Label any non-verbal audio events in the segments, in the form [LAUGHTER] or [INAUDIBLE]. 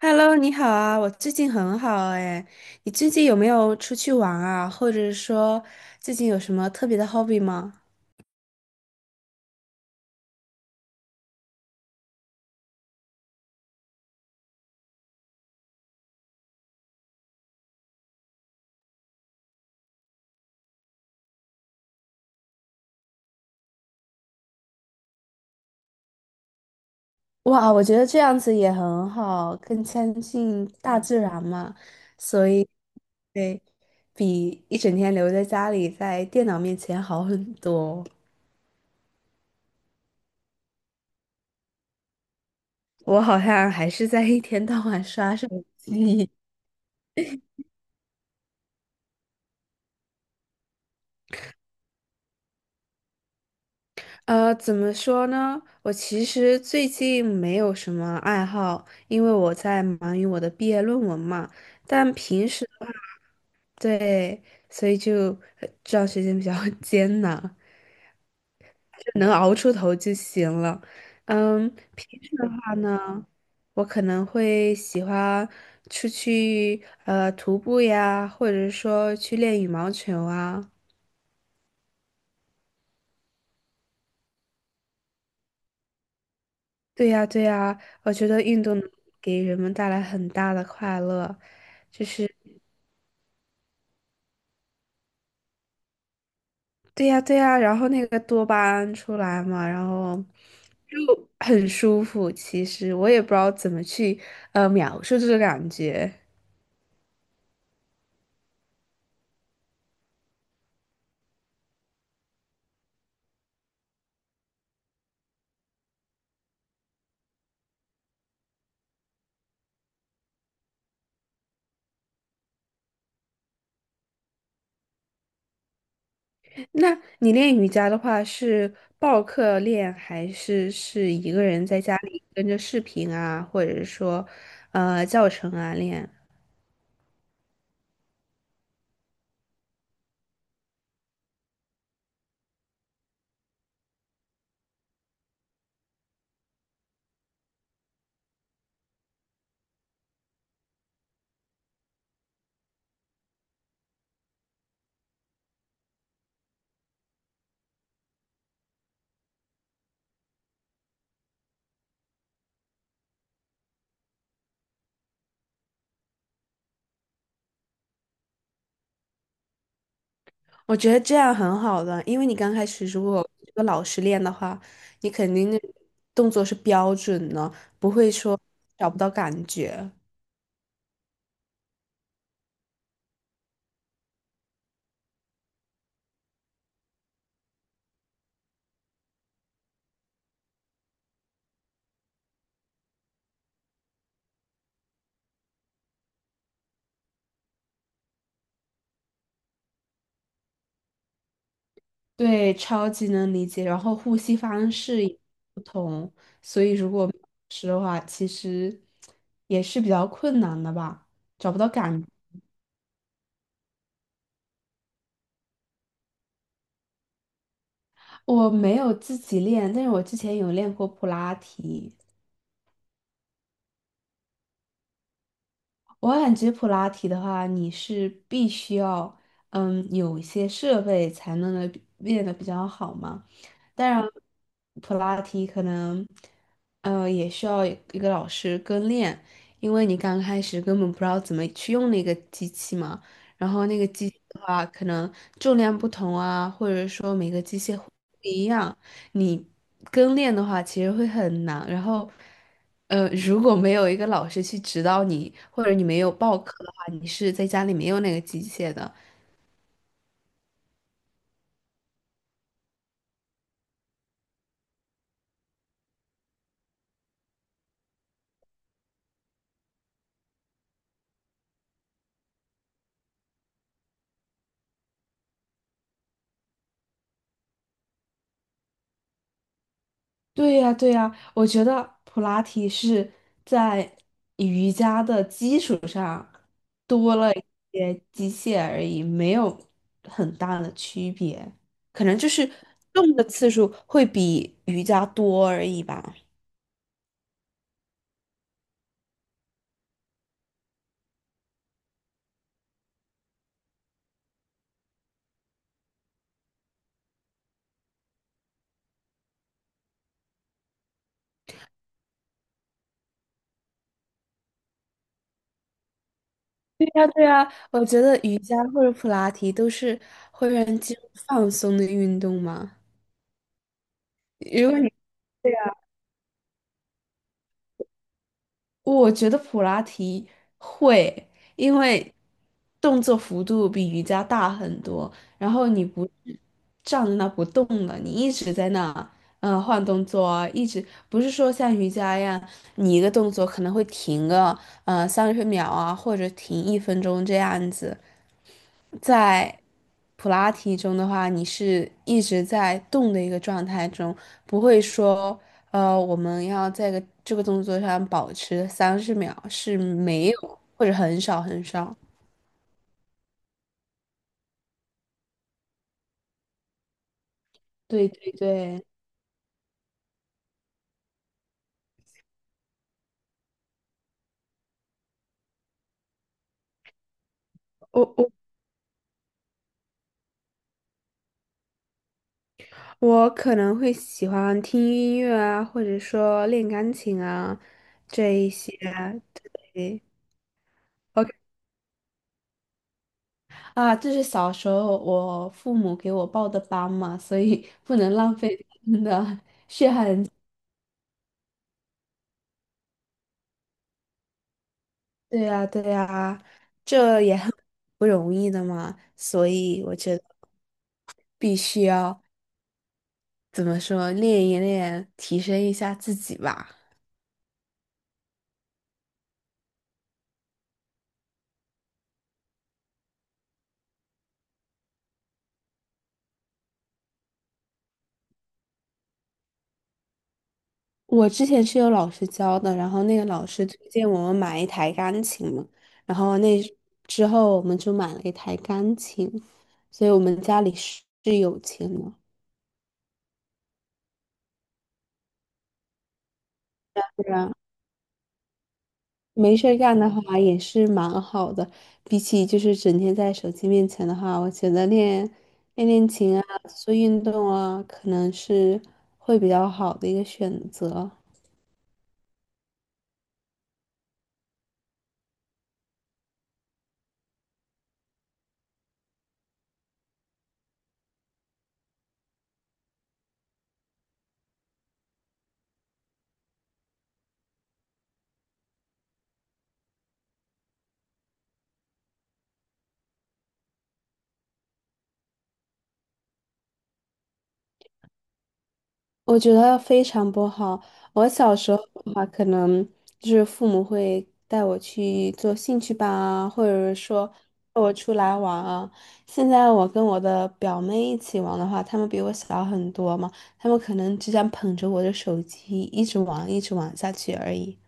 Hello，你好啊，我最近很好哎。你最近有没有出去玩啊？或者说最近有什么特别的 hobby 吗？哇，我觉得这样子也很好，更亲近大自然嘛。所以，对，比一整天留在家里在电脑面前好很多。我好像还是在一天到晚刷手机。怎么说呢？我其实最近没有什么爱好，因为我在忙于我的毕业论文嘛。但平时的话，对，所以就这段时间比较 [LAUGHS] 艰难，就能熬出头就行了。嗯，平时的话呢，我可能会喜欢出去徒步呀，或者说去练羽毛球啊。对呀，对呀，我觉得运动能给人们带来很大的快乐。对呀，对呀，然后那个多巴胺出来嘛，然后就很舒服。其实我也不知道怎么去描述这个感觉。那你练瑜伽的话，是报课练，还是一个人在家里跟着视频啊，或者是说教程啊练？我觉得这样很好的，因为你刚开始如果这个老师练的话，你肯定那动作是标准的，不会说找不到感觉。对，超级能理解。然后呼吸方式也不同，所以如果是的话，其实也是比较困难的吧，找不到感。我没有自己练，但是我之前有练过普拉提。我感觉普拉提的话，你是必须要，有一些设备才能得练得比较好嘛。当然，普拉提可能，也需要一个老师跟练，因为你刚开始根本不知道怎么去用那个机器嘛。然后那个机器的话，可能重量不同啊，或者说每个机械不一样，你跟练的话，其实会很难。然后，如果没有一个老师去指导你，或者你没有报课的话，你是在家里没有那个机械的。对呀，对呀，我觉得普拉提是在瑜伽的基础上多了一些机械而已，没有很大的区别，可能就是动的次数会比瑜伽多而已吧。呀，对啊，我觉得瑜伽或者普拉提都是会让肌肉放松的运动嘛。如果你，我觉得普拉提会，因为动作幅度比瑜伽大很多，然后你不是站在那不动了，你一直在那，换动作啊，一直不是说像瑜伽一样，你一个动作可能会停个三十秒啊，或者停1分钟这样子。在普拉提中的话，你是一直在动的一个状态中，不会说，我们要在个这个动作上保持三十秒，是没有或者很少很少。对对对，我我我可能会喜欢听音乐啊，或者说练钢琴啊，这一些。对，OK 啊，这是小时候我父母给我报的班嘛，所以不能浪费他们的对呀，对呀，这也很不容易的嘛，所以我觉得必须要怎么说，练一练，提升一下自己吧。我之前是有老师教的，然后那个老师推荐我们买一台钢琴嘛，然后那之后我们就买了一台钢琴，所以我们家里是有钱的。啊。对啊没事儿干的话也是蛮好的，比起就是整天在手机面前的话，我觉得练练琴啊，做运动啊，可能是会比较好的一个选择。我觉得非常不好。我小时候的话，可能就是父母会带我去做兴趣班啊，或者是说带我出来玩啊。现在我跟我的表妹一起玩的话，她们比我小很多嘛，她们可能只想捧着我的手机一直玩，一直玩下去而已。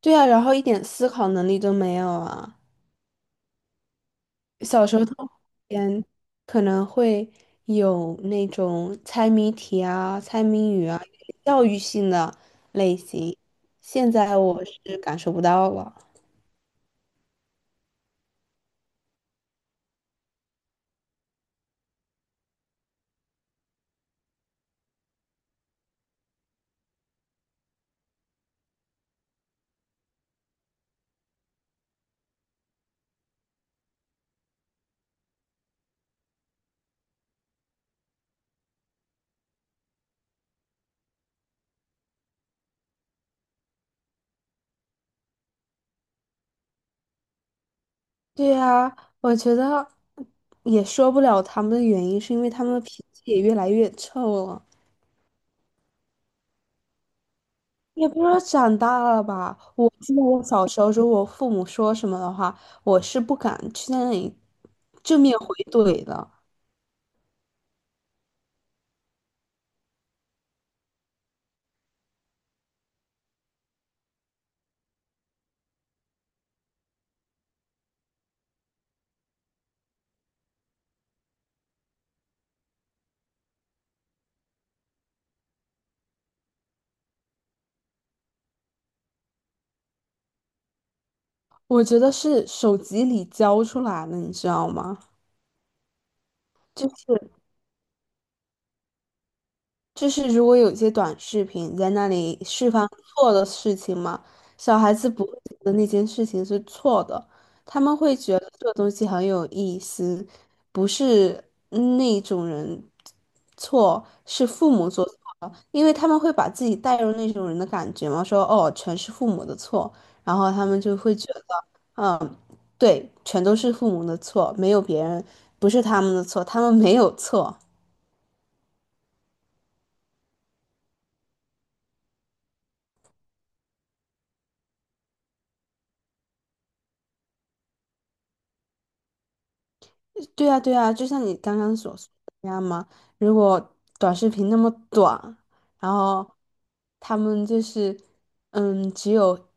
对啊，然后一点思考能力都没有啊。小时候动物园可能会有那种猜谜题啊、猜谜语啊，教育性的类型。现在我是感受不到了。对呀，我觉得也说不了他们的原因，是因为他们的脾气也越来越臭了。也不知道长大了吧，我记得我小时候，如果父母说什么的话，我是不敢去那里正面回怼的。我觉得是手机里教出来的，你知道吗？就是就是，如果有些短视频在那里释放错的事情嘛，小孩子不会觉得那件事情是错的，他们会觉得这个东西很有意思，不是那种人错，是父母做错了，因为他们会把自己带入那种人的感觉嘛，说哦，全是父母的错，然后他们就会觉得，嗯，对，全都是父母的错，没有别人，不是他们的错，他们没有错。对啊，对啊，就像你刚刚所说的那样嘛。如果短视频那么短，然后他们就是只有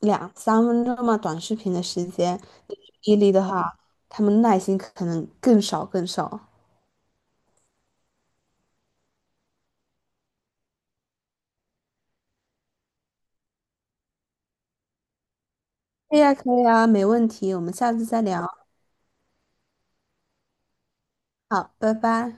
两三分钟嘛，短视频的时间，你去毅力的话，他们耐心可能更少更少。可以呀，可以啊，没问题，我们下次再聊。好，拜拜。